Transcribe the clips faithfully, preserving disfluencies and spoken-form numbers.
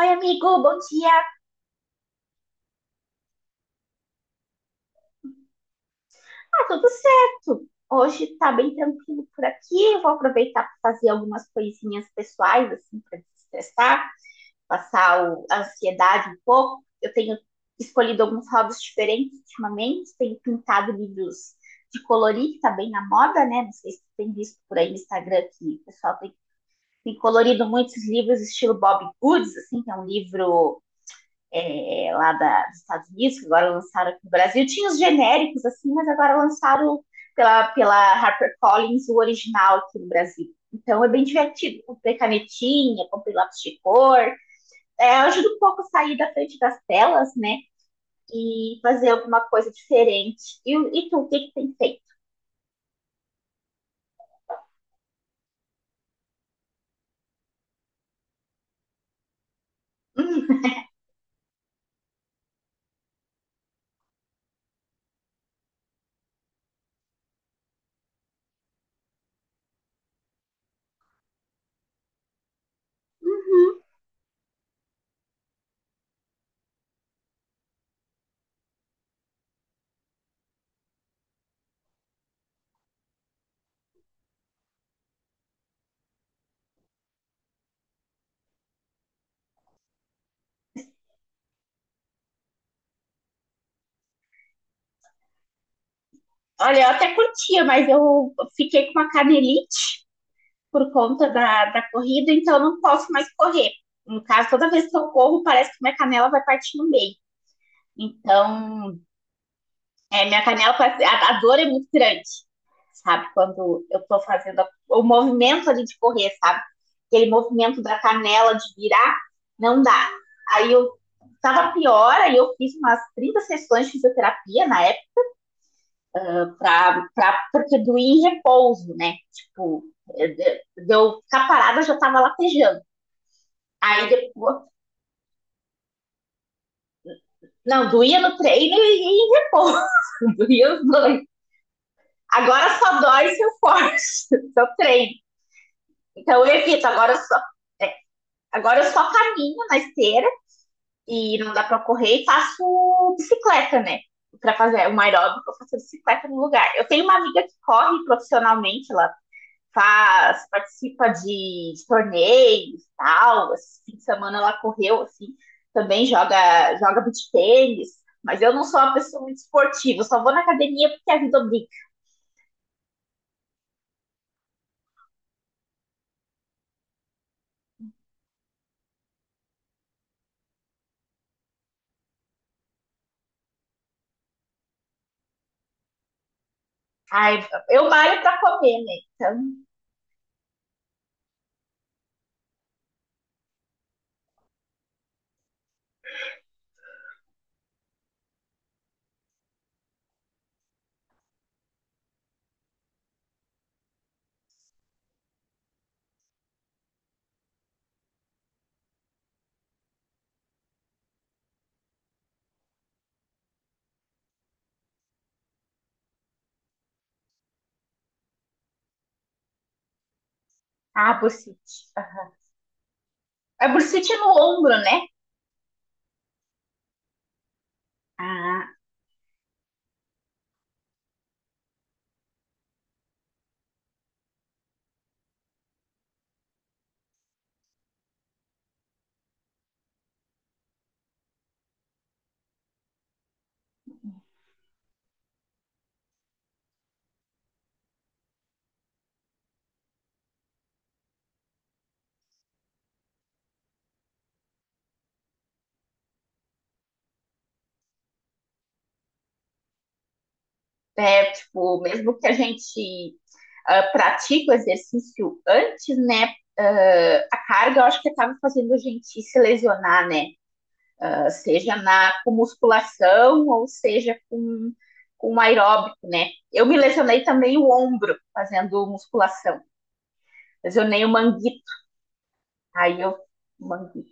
Oi, amigo, bom dia. Ah, tudo certo. Hoje tá bem tranquilo por aqui. Vou aproveitar para fazer algumas coisinhas pessoais, assim, para desestressar, passar o- a ansiedade um pouco. Eu tenho escolhido alguns hobbies diferentes ultimamente. Tenho pintado livros de colorir, que tá bem na moda, né? Não sei se tu tem visto por aí no Instagram que o pessoal tem, tem colorido muitos livros estilo Bob Goods, assim, que é um livro é, é, lá da, dos Estados Unidos, que agora lançaram aqui no Brasil. Tinha os genéricos, assim, mas agora lançaram pela, pela HarperCollins o original aqui no Brasil. Então é bem divertido. Comprei canetinha, comprei lápis de cor. É, ajuda um pouco a sair da frente das telas, né? E fazer alguma coisa diferente. E, e tu, o que, que tem feito? Uhum. Olha, eu até curtia, mas eu fiquei com uma canelite por conta da, da corrida, então eu não posso mais correr. No caso, toda vez que eu corro, parece que minha canela vai partir no meio. Então, é, minha canela, parece- a, a dor é muito grande, sabe? Quando eu tô fazendo a- o movimento ali de correr, sabe? Aquele movimento da canela de virar, não dá. Aí eu tava pior, aí eu fiz umas trinta sessões de fisioterapia na época, pra, pra, porque doía em repouso, né? Tipo, é, é, deu eu- ficar parada, eu já tava latejando. Aí depois. Não, doía no treino e em repouso. Doía os dois. Agora só dói se eu forço, se eu treino. Então eu evito, agora eu só. é, agora eu só caminho na esteira e não dá pra correr e faço bicicleta, né? Pra fazer o aeróbico, eu faço bicicleta no lugar. Eu tenho uma amiga que corre profissionalmente, ela faz, participa de, de torneios, e tal, esse fim de semana ela correu, assim, também joga, joga beach tênis, mas eu não sou uma pessoa muito esportiva, eu só vou na academia porque a vida obriga. Ai, eu malho pra comer, né? Então, ah, bursite. Aham. A bursite é no ombro, né? Ah, é, tipo, mesmo que a gente ah, pratique o exercício antes, né? Ah, a carga, eu acho que acaba fazendo a gente se lesionar, né? Uh, seja na com musculação ou seja com, com aeróbico, né? Eu me lesionei também o ombro fazendo musculação. Lesionei o manguito, aí eu manguito.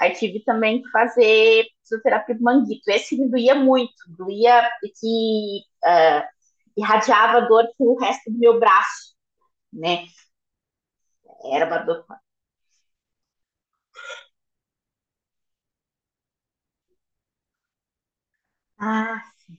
Aí tive também que fazer fisioterapia do manguito. Esse me doía muito, doía que uh, irradiava dor pro resto do meu braço, né? Era uma dor. Ah, sim.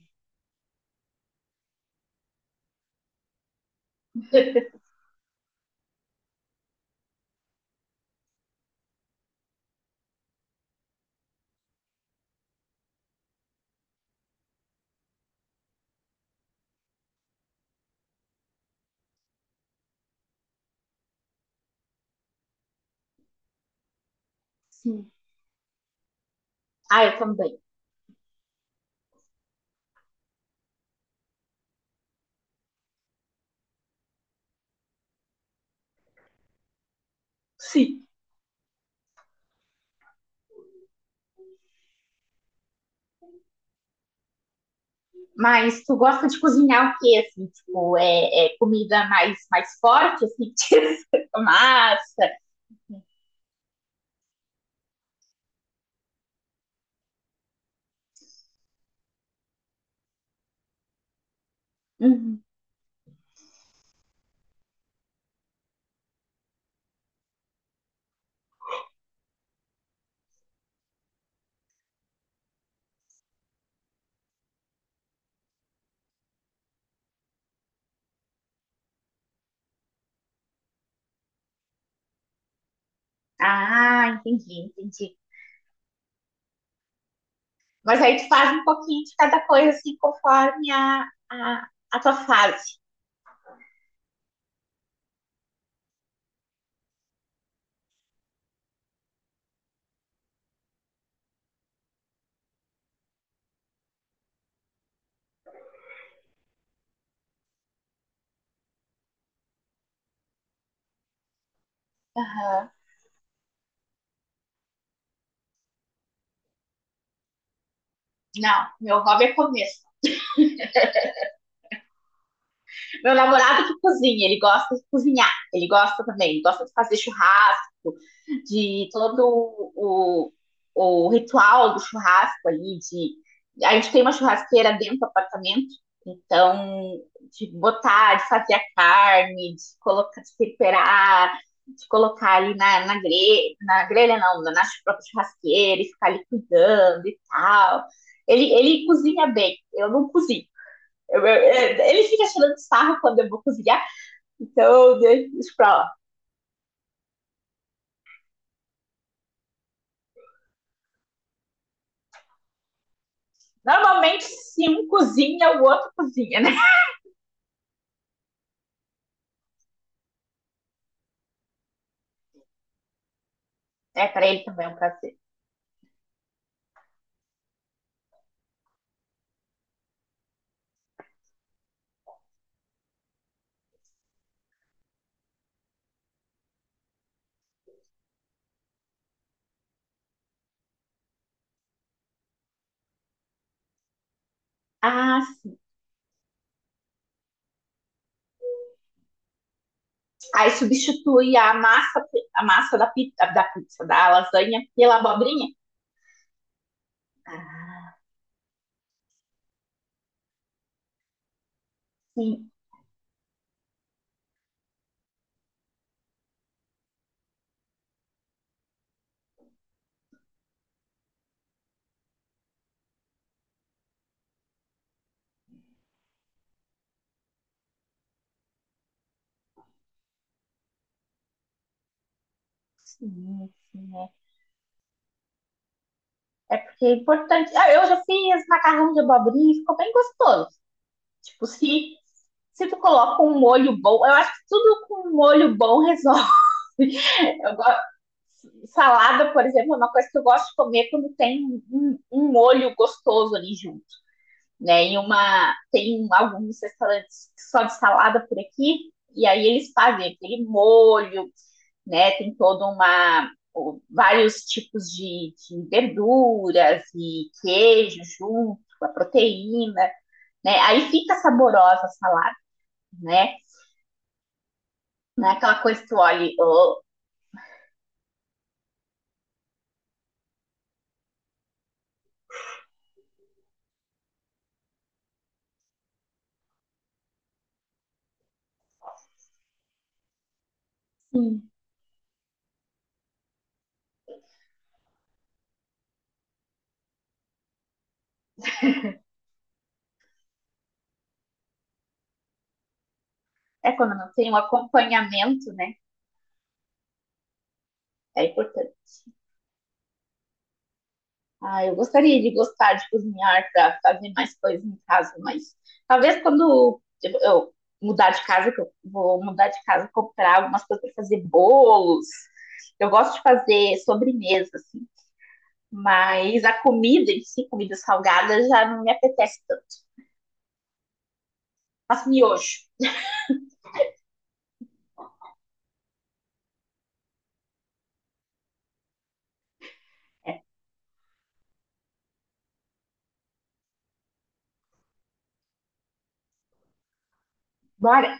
Sim. Ah, eu também. Sim. Mas tu gosta de cozinhar o quê, assim? Tipo, é, é comida mais, mais forte, assim, tipo massa? Uhum. Ah, entendi, entendi. Mas aí tu faz um pouquinho de cada coisa, assim, conforme a, a, a tua fase. Aham. Não, meu hobby é comer. Meu namorado que cozinha, ele gosta de cozinhar, ele gosta também, gosta de fazer churrasco, de todo o, o ritual do churrasco ali, de a gente tem uma churrasqueira dentro do apartamento, então de botar, de fazer a carne, de colocar, de temperar, de colocar ali na, na grelha, na grelha não, na própria churrasqueira e ficar ali cuidando e tal. Ele, ele cozinha bem, eu não cozinho. Eu- eu- eu- ele fica tirando sarro quando eu vou cozinhar, então eu deixo isso pra lá. Normalmente, se um cozinha, o outro cozinha, né? É, pra ele também é um prazer. Ah, sim. Aí substitui a massa, a massa da pizza, da pizza, da lasanha pela abobrinha. Ah, sim, sim, sim. É, é porque é importante. Ah, eu já fiz macarrão de abobrinha e ficou bem gostoso. Tipo, se, se tu coloca um molho bom, eu acho que tudo com um molho bom resolve. Eu, Salada, por exemplo, é uma coisa que eu gosto de comer quando tem um, um um molho gostoso ali junto, né? E uma tem alguns restaurantes só de salada por aqui, e aí eles fazem aquele molho, né? Tem toda uma vários tipos de, de verduras e queijo junto, a proteína, né? Aí fica saborosa a salada, né? Não é aquela coisa que tu olha, oh, sim. É quando não tem um acompanhamento, né? É importante. Ah, eu gostaria de gostar de cozinhar para fazer mais coisas em casa, mas talvez quando eu eu mudar de casa, que eu vou mudar de casa, comprar algumas coisas para fazer bolos. Eu gosto de fazer sobremesa, assim, mas a comida em si, comida salgada, já não me apetece tanto. Faço miojo. Bora,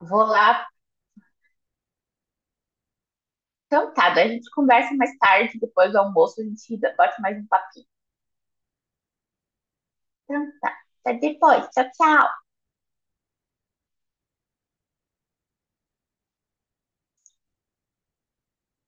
vou lá. Então tá, daí a gente conversa mais tarde, depois do almoço, a gente bota mais um papinho. Então, até depois. Tchau, tchau.